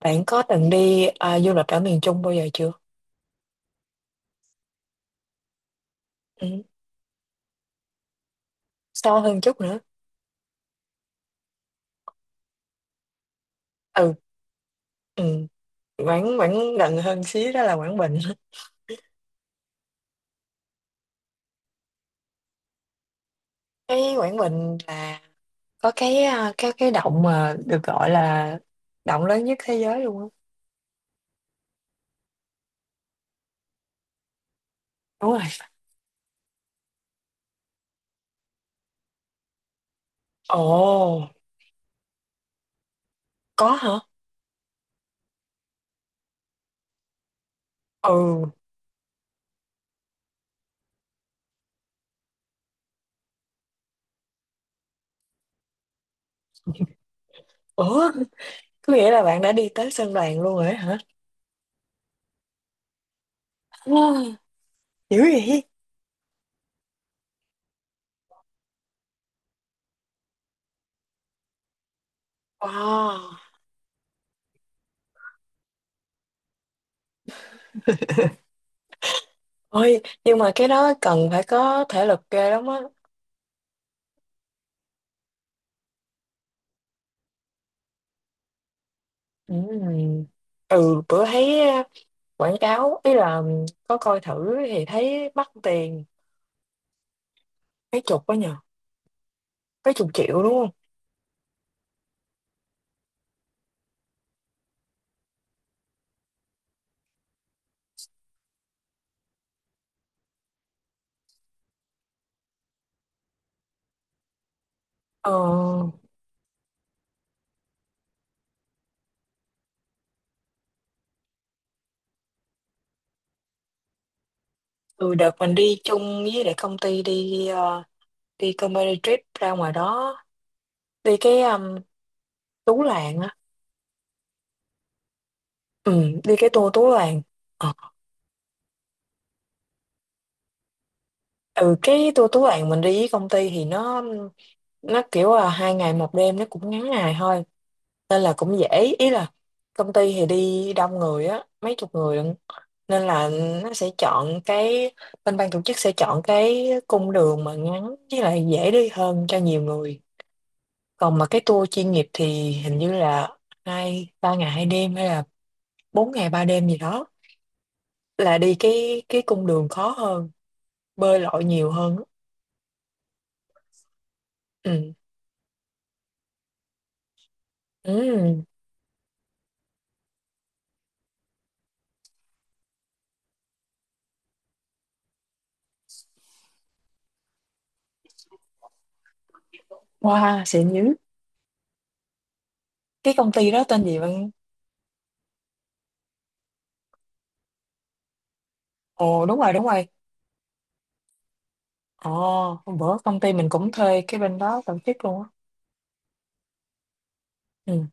Bạn có từng đi du lịch ở miền Trung bao giờ chưa? Ừ. Xa hơn chút nữa. Ừ. Ừ. Quảng Quảng gần hơn xíu đó là Quảng Bình. Cái Quảng Bình là có cái à, cái cái động mà được gọi là động lớn nhất thế giới luôn á. Đúng rồi. Ồ, có hả? Ừ. Ủa, có nghĩa là bạn đã đi tới Sơn Đoàn luôn rồi á hả? Wow, dữ vậy. Wow. Ôi, nhưng mà cái đó cần phải có thể lực ghê lắm á. Ừ. Ừ, bữa thấy quảng cáo, ý là có coi thử thì thấy mắc tiền mấy chục quá nhờ, mấy chục triệu đúng không? ờ ừ, đợt mình đi chung với lại công ty, đi đi company trip ra ngoài đó, đi cái Tú Làng á. Ừ, đi cái tour Tú Làng. Ờ, ừ cái tour Tú Làng mình đi với công ty thì nó kiểu là hai ngày một đêm, nó cũng ngắn ngày thôi, nên là cũng dễ, ý là công ty thì đi đông người á, mấy chục người lận, nên là nó sẽ chọn cái bên ban tổ chức sẽ chọn cái cung đường mà ngắn với lại dễ đi hơn cho nhiều người. Còn mà cái tour chuyên nghiệp thì hình như là hai ba ngày hai đêm hay là bốn ngày ba đêm gì đó, là đi cái cung đường khó hơn, bơi lội nhiều hơn. Ừ, ừ. Wow, xịn dữ. Cái công ty đó tên gì bạn? Ồ, đúng rồi, đúng rồi. Ồ, hôm bữa công ty mình cũng thuê cái bên đó tổ chức luôn á. Ừ.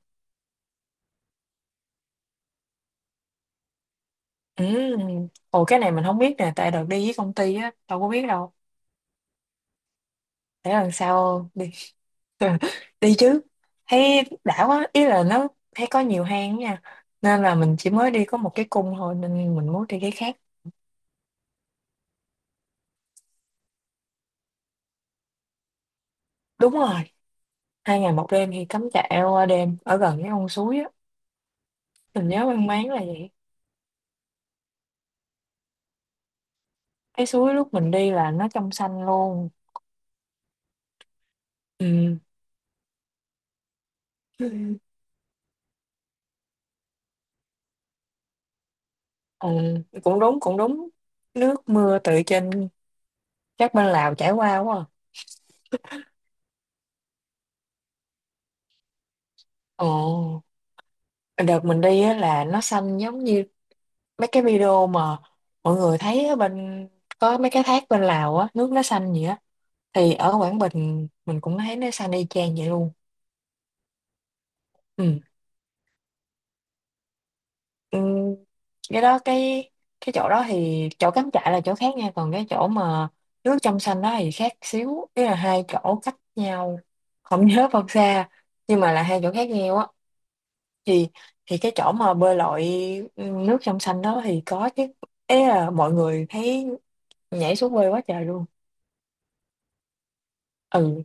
Ừ. Ồ, cái này mình không biết nè, tại đợt đi với công ty á đâu có biết đâu. Để lần sau đi. Đi chứ. Thấy đã quá, ý là nó thấy có nhiều hang nha, nên là mình chỉ mới đi có một cái cung thôi nên mình muốn đi cái khác. Đúng rồi. Hai ngày một đêm thì cắm trại qua đêm ở gần cái con suối á, mình nhớ mang máng là vậy. Cái suối lúc mình đi là nó trong xanh luôn. Ừ. Ừ. Ừ, cũng đúng, cũng đúng. Nước mưa từ trên các bên Lào chảy qua quá à. Ồ, đợt mình đi á là nó xanh giống như mấy cái video mà mọi người thấy ở bên, có mấy cái thác bên Lào á nước nó xanh vậy á, thì ở Quảng Bình mình cũng thấy nó xanh y chang vậy luôn. Ừ. Ừ. cái đó cái cái chỗ đó thì chỗ cắm trại là chỗ khác nha, còn cái chỗ mà nước trong xanh đó thì khác xíu, ý là hai chỗ cách nhau không nhớ bao xa, nhưng mà là hai chỗ khác nhau á. Thì thì cái chỗ mà bơi lội nước trong xanh đó thì có chứ, ý là mọi người thấy nhảy xuống quê quá trời luôn. Ừ,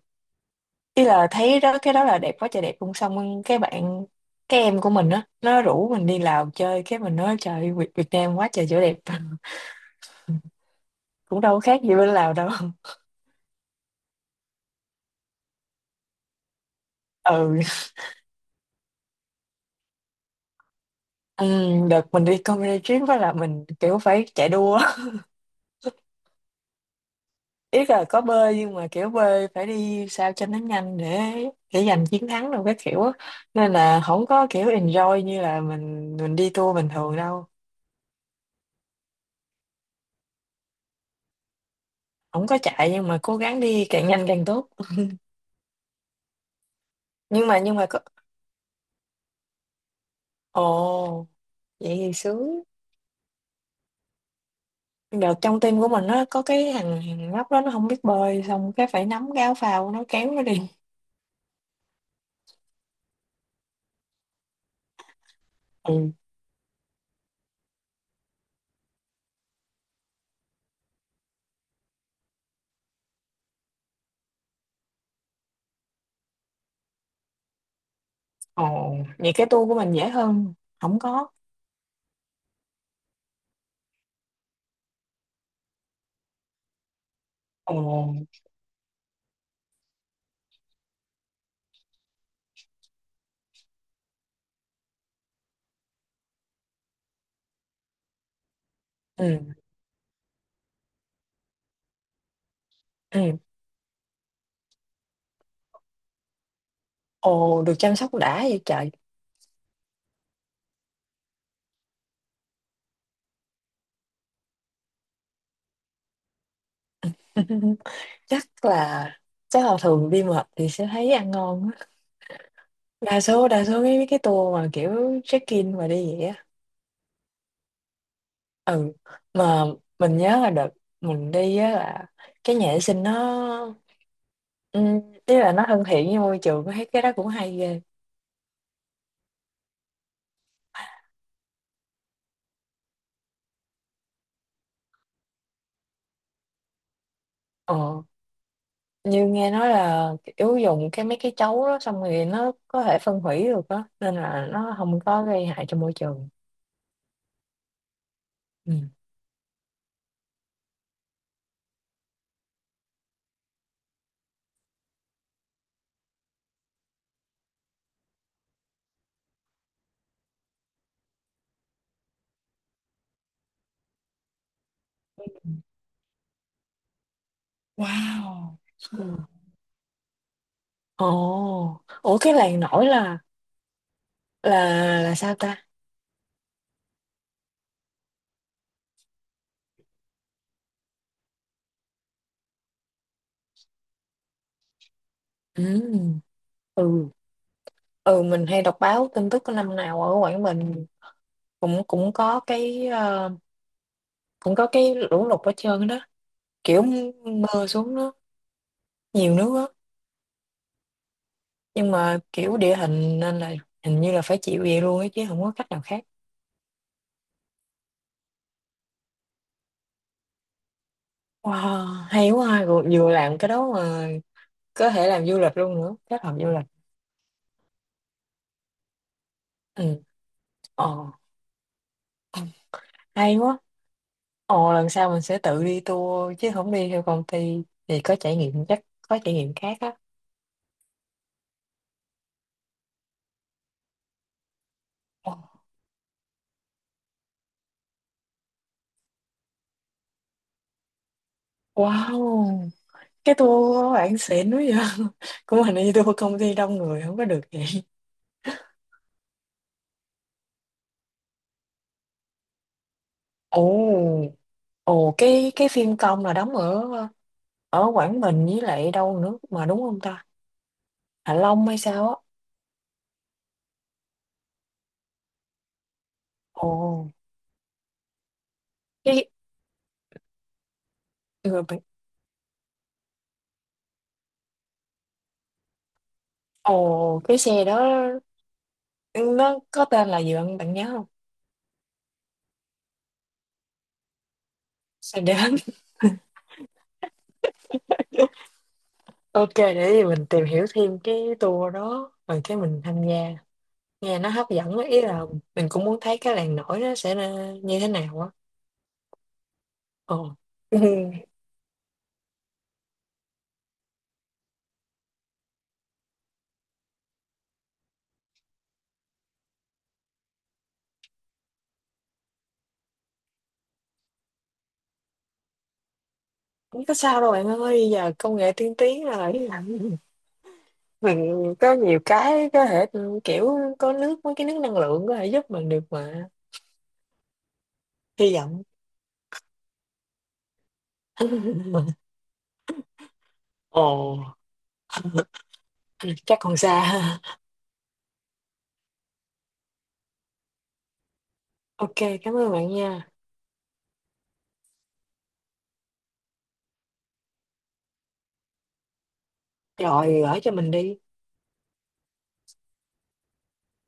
ý là thấy đó cái đó là đẹp quá trời đẹp luôn, xong cái em của mình á nó rủ mình đi Lào chơi, cái mình nói trời, Việt Nam quá trời chỗ đẹp. Cũng đâu có khác gì bên Lào đâu. Ừ. Ừ, đợt mình đi comedy trip đó là mình kiểu phải chạy đua. Ý là có bơi nhưng mà kiểu bơi phải đi sao cho nó nhanh để giành chiến thắng đâu cái kiểu á, nên là không có kiểu enjoy như là mình đi tour bình thường đâu. Không có chạy nhưng mà cố gắng đi càng nhanh càng tốt. Nhưng mà có. Ồ, vậy thì sướng. Nhưng trong team của mình nó có cái thằng thằng nhóc đó nó không biết bơi, xong cái phải nắm cái áo phao nó kéo nó đi. Ừ. Ồ, vậy cái tour của mình dễ hơn, không có. Ồ. Ừ, ừ. Ồ, được chăm sóc đã vậy trời. chắc là chắc là thường đi mệt thì sẽ thấy ăn ngon á. Đa số cái tour mà kiểu check-in mà đi vậy á. Ừ. Mà mình nhớ là đợt mình đi á là cái nhà vệ sinh nó, ừ, ý là nó thân thiện với môi trường, thấy cái đó cũng hay ghê. Ờ, như nghe nói là kiểu dùng cái mấy cái chấu đó xong rồi nó có thể phân hủy được đó nên là nó không có gây hại cho môi trường. Ừ. Wow. Ừ. Ồ, ủa cái làng nổi là là sao ta? Ừ. Ừ, ừ mình hay đọc báo tin tức của năm nào ở Quảng Bình cũng cũng cũng có cái lũ lụt ở trơn đó, kiểu mưa xuống nó nhiều nước á. Nhưng mà kiểu địa hình nên là hình như là phải chịu vậy luôn ấy chứ không có cách nào khác. Wow, hay quá ha. Vừa vừa làm cái đó mà có thể làm du lịch luôn nữa, kết hợp du lịch. Ừ. Ờ, hay quá. Ồ, lần sau mình sẽ tự đi tour chứ không đi theo công ty thì có trải nghiệm, chắc có trải nghiệm khác á. Ồ. Wow, cái tour của bạn xịn quá vậy. Của mình đi tour công ty đông người không có được vậy. Ồ. Ồ, cái phim công là đóng ở ở Quảng Bình với lại đâu nữa mà, đúng không ta? Hạ Long hay sao á. Ồ, cái người bạn ồ cái xe đó nó có tên là gì bạn bạn nhớ không? Xe đến. OK, để gì mình tìm hiểu thêm cái tour đó rồi cái mình tham gia. Nghe nó hấp dẫn á, ý là mình cũng muốn thấy cái làng nổi nó sẽ ra như thế nào á. Ồ. Ừ, không có sao đâu bạn ơi, giờ công nghệ tiên tiến rồi, mình có nhiều cái có thể, kiểu có nước mấy cái nước năng lượng có thể giúp mình được mà. Hy vọng. Ồ. Ừ, chắc còn xa. OK, cảm ơn bạn nha. Rồi gửi cho mình đi.